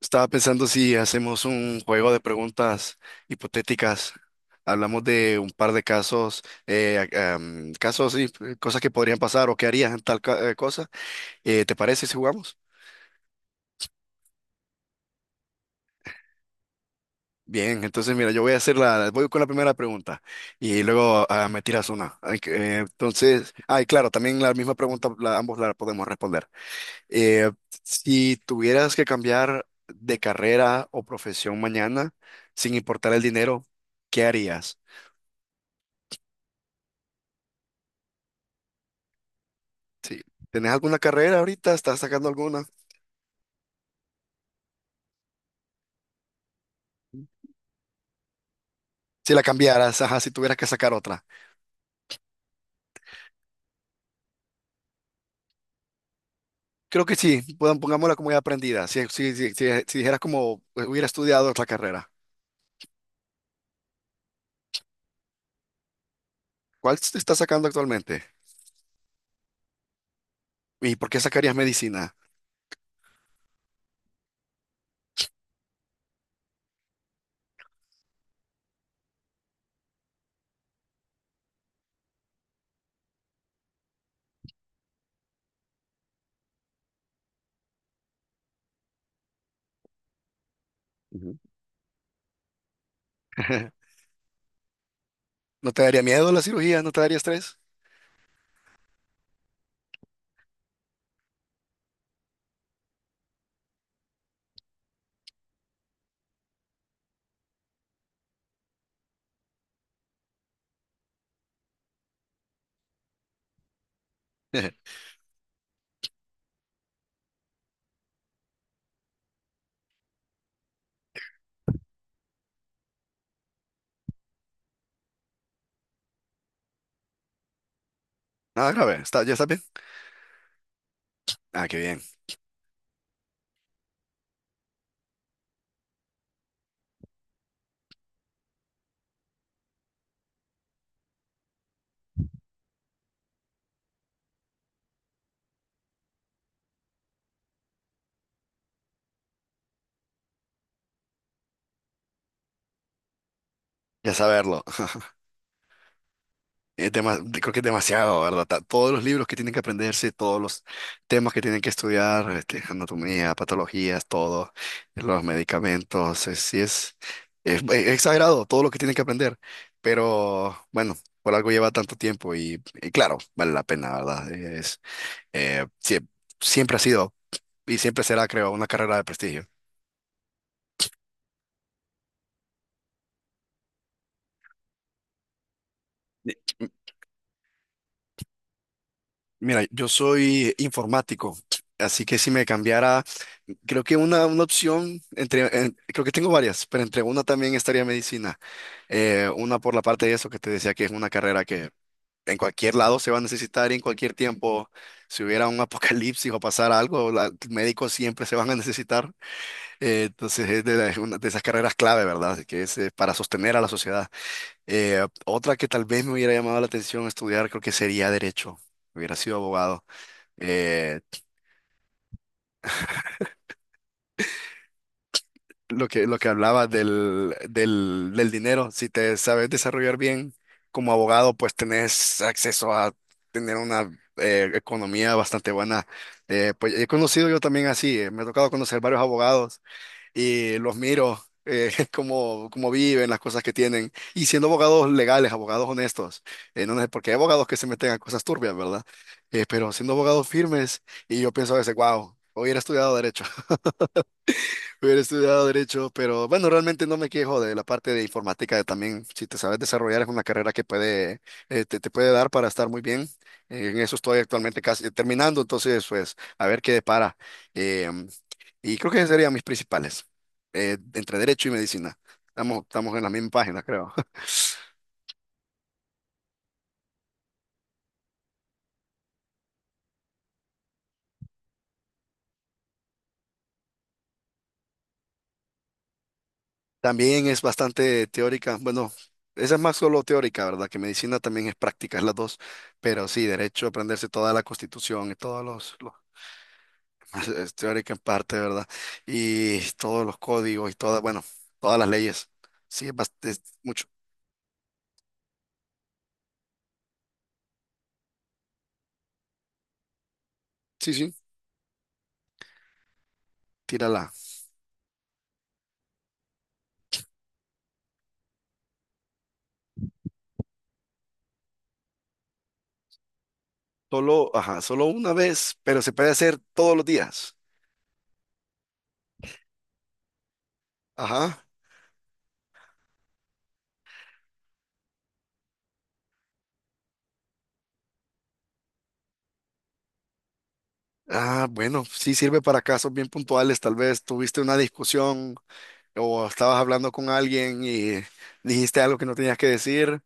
Estaba pensando si hacemos un juego de preguntas hipotéticas. Hablamos de un par de casos, casos y cosas que podrían pasar o que harías en tal cosa. ¿te parece si jugamos? Bien, entonces mira, yo voy a hacer voy con la primera pregunta y luego me tiras una. Ay, que, entonces, ay, claro, también la misma pregunta, ambos la podemos responder. Eh, si tuvieras que cambiar de carrera o profesión mañana, sin importar el dinero, ¿qué harías? Sí. ¿Tenés alguna carrera ahorita? ¿Estás sacando alguna? Si la cambiaras, ajá, si tuvieras que sacar otra. Creo que sí, pongámosla como ya aprendida. Si dijeras como hubiera estudiado otra carrera, ¿cuál te estás sacando actualmente? ¿Y por qué sacarías medicina? Ujú. ¿No te daría miedo la cirugía? ¿No te daría estrés? Nada grave, ¿está, ya está bien? Ah, qué bien, ya saberlo. Creo que es demasiado, ¿verdad? Todos los libros que tienen que aprenderse, todos los temas que tienen que estudiar, este, anatomía, patologías, todo, los medicamentos, sí es, es exagerado todo lo que tienen que aprender, pero bueno, por algo lleva tanto tiempo y claro, vale la pena, ¿verdad? Es, eh, sie- siempre ha sido y siempre será, creo, una carrera de prestigio. Mira, yo soy informático, así que si me cambiara, creo que una opción, creo que tengo varias, pero entre una también estaría medicina. Una por la parte de eso que te decía que es una carrera que en cualquier lado se va a necesitar y en cualquier tiempo, si hubiera un apocalipsis o pasara algo, médicos siempre se van a necesitar. Entonces es es una de esas carreras clave, ¿verdad? Así que es para sostener a la sociedad. Otra que tal vez me hubiera llamado la atención estudiar, creo que sería derecho. Hubiera sido abogado. Eh, lo que hablaba del dinero, si te sabes desarrollar bien como abogado, pues tenés acceso a tener una economía bastante buena. Pues he conocido yo también así, me ha tocado conocer varios abogados y los miro. Cómo viven, las cosas que tienen, y siendo abogados legales, abogados honestos, no, no, porque hay abogados que se meten a cosas turbias, ¿verdad? Pero siendo abogados firmes, y yo pienso a veces, wow, hoy hubiera estudiado derecho. Hubiera estudiado derecho, pero bueno, realmente no me quejo de la parte de informática. También, si te sabes desarrollar, es una carrera que puede, te puede dar para estar muy bien. En eso estoy actualmente casi terminando, entonces, pues, a ver qué depara. Em, y creo que esas serían mis principales, entre derecho y medicina. Estamos en la misma página, creo. También es bastante teórica. Bueno, esa es más solo teórica, ¿verdad? Que medicina también es práctica, es las dos. Pero sí, derecho, aprenderse toda la constitución y todos los teórica en parte, ¿verdad? Y todos los códigos y todas, bueno, todas las leyes. Sí, es bastante, mucho. Sí, sí, tírala. Solo, ajá, solo una vez, pero se puede hacer todos los días. Ajá. Ah, bueno, sí sirve para casos bien puntuales. Tal vez tuviste una discusión, o estabas hablando con alguien y dijiste algo que no tenías que decir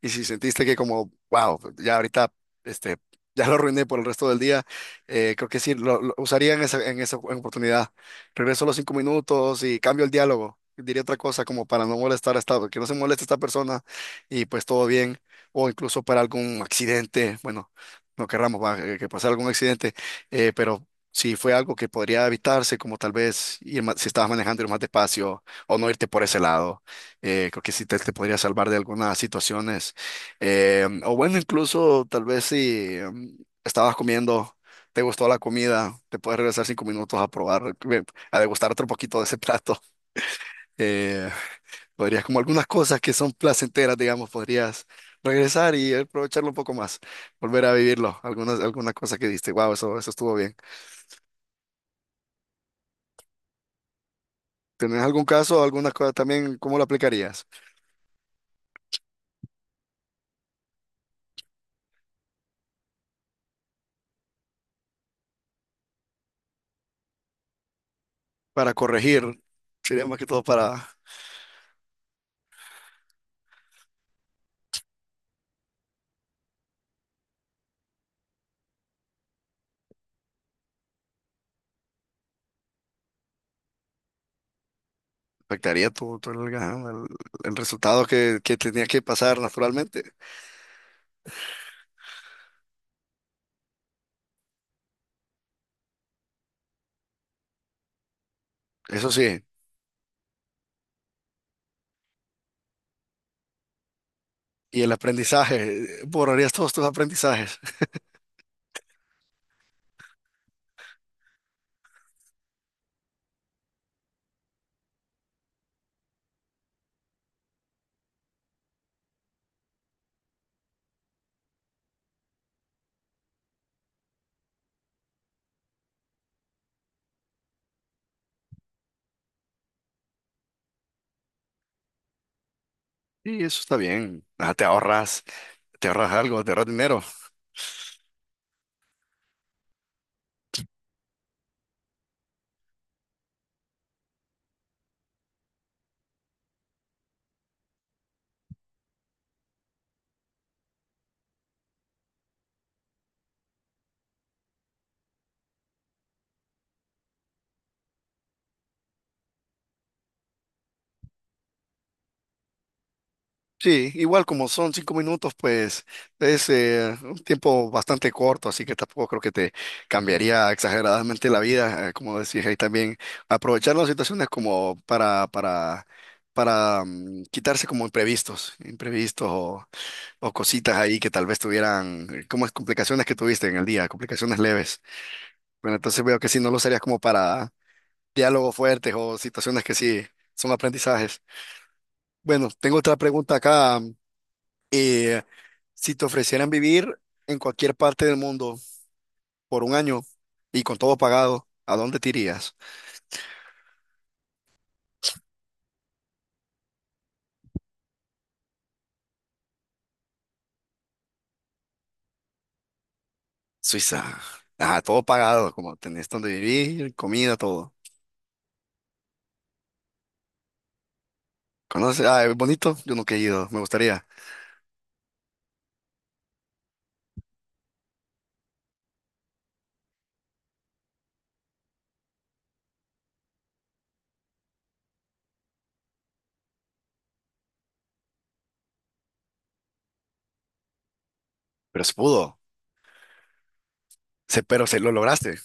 y si sentiste que como, wow, ya ahorita, este, ya lo arruiné por el resto del día, creo que sí, lo usaría en en esa oportunidad. Regreso los 5 minutos y cambio el diálogo. Diría otra cosa como para no molestar a que no se moleste esta persona y pues todo bien, o incluso para algún accidente, bueno, no querramos va, que pase algún accidente, pero si fue algo que podría evitarse, como tal vez si estabas manejando ir más despacio o no irte por ese lado. Creo que sí te podría salvar de algunas situaciones. O bueno, incluso tal vez si em, estabas comiendo, te gustó la comida, te puedes regresar 5 minutos a probar, a degustar otro poquito de ese plato. Eh, podrías, como algunas cosas que son placenteras, digamos, podrías regresar y aprovecharlo un poco más, volver a vivirlo, algunas, alguna cosa que diste, wow, eso estuvo bien. ¿Tenés algún caso o alguna cosa también? ¿Cómo lo aplicarías? Para corregir, sería más que todo para... Afectaría el resultado que tenía que pasar naturalmente. Eso sí. Y el aprendizaje, borrarías todos tus aprendizajes. Y eso está bien. Ah, te ahorras algo, te ahorras dinero. Sí, igual como son 5 minutos, pues es un tiempo bastante corto, así que tampoco creo que te cambiaría exageradamente la vida, como decís ahí también, aprovechar las situaciones como para quitarse como imprevistos, imprevistos o cositas ahí que tal vez tuvieran, como es complicaciones que tuviste en el día, complicaciones leves. Bueno, entonces veo que sí, no lo usarías como para diálogos fuertes o situaciones que sí son aprendizajes. Bueno, tengo otra pregunta acá. Eh, si te ofrecieran vivir en cualquier parte del mundo por un año y con todo pagado, ¿a dónde te irías? Suiza. Ah, todo pagado, como tenés donde vivir, comida, todo. ¿Conoces? Ah, es bonito. Yo nunca he ido, me gustaría. Pero se pudo. Se, pero se lo lograste.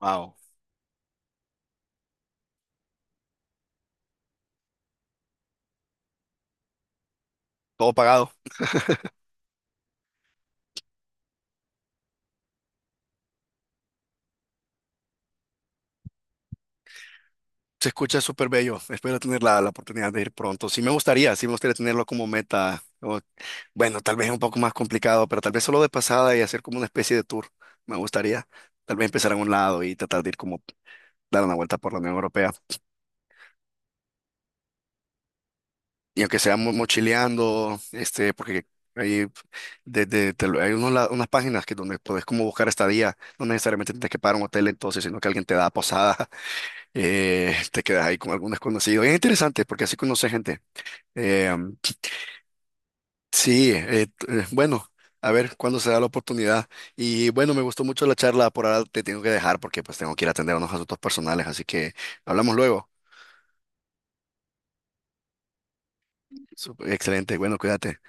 Wow. Todo pagado. Se escucha súper bello. Espero tener la oportunidad de ir pronto. Sí me gustaría tenerlo como meta. O- bueno, tal vez un poco más complicado, pero tal vez solo de pasada y hacer como una especie de tour. Me gustaría. Tal vez empezar en un lado y tratar de ir como dar una vuelta por la Unión Europea. Y aunque sea mochileando, este, porque hay, hay unas páginas que donde puedes como buscar estadía, no necesariamente tienes que pagar un hotel entonces, sino que alguien te da posada, te quedas ahí con algún desconocido. Y es interesante porque así conoces gente. Eh, bueno. A ver cuándo se da la oportunidad. Y bueno, me gustó mucho la charla. Por ahora te tengo que dejar porque pues tengo que ir a atender unos asuntos personales. Así que hablamos luego. Excelente. Bueno, cuídate.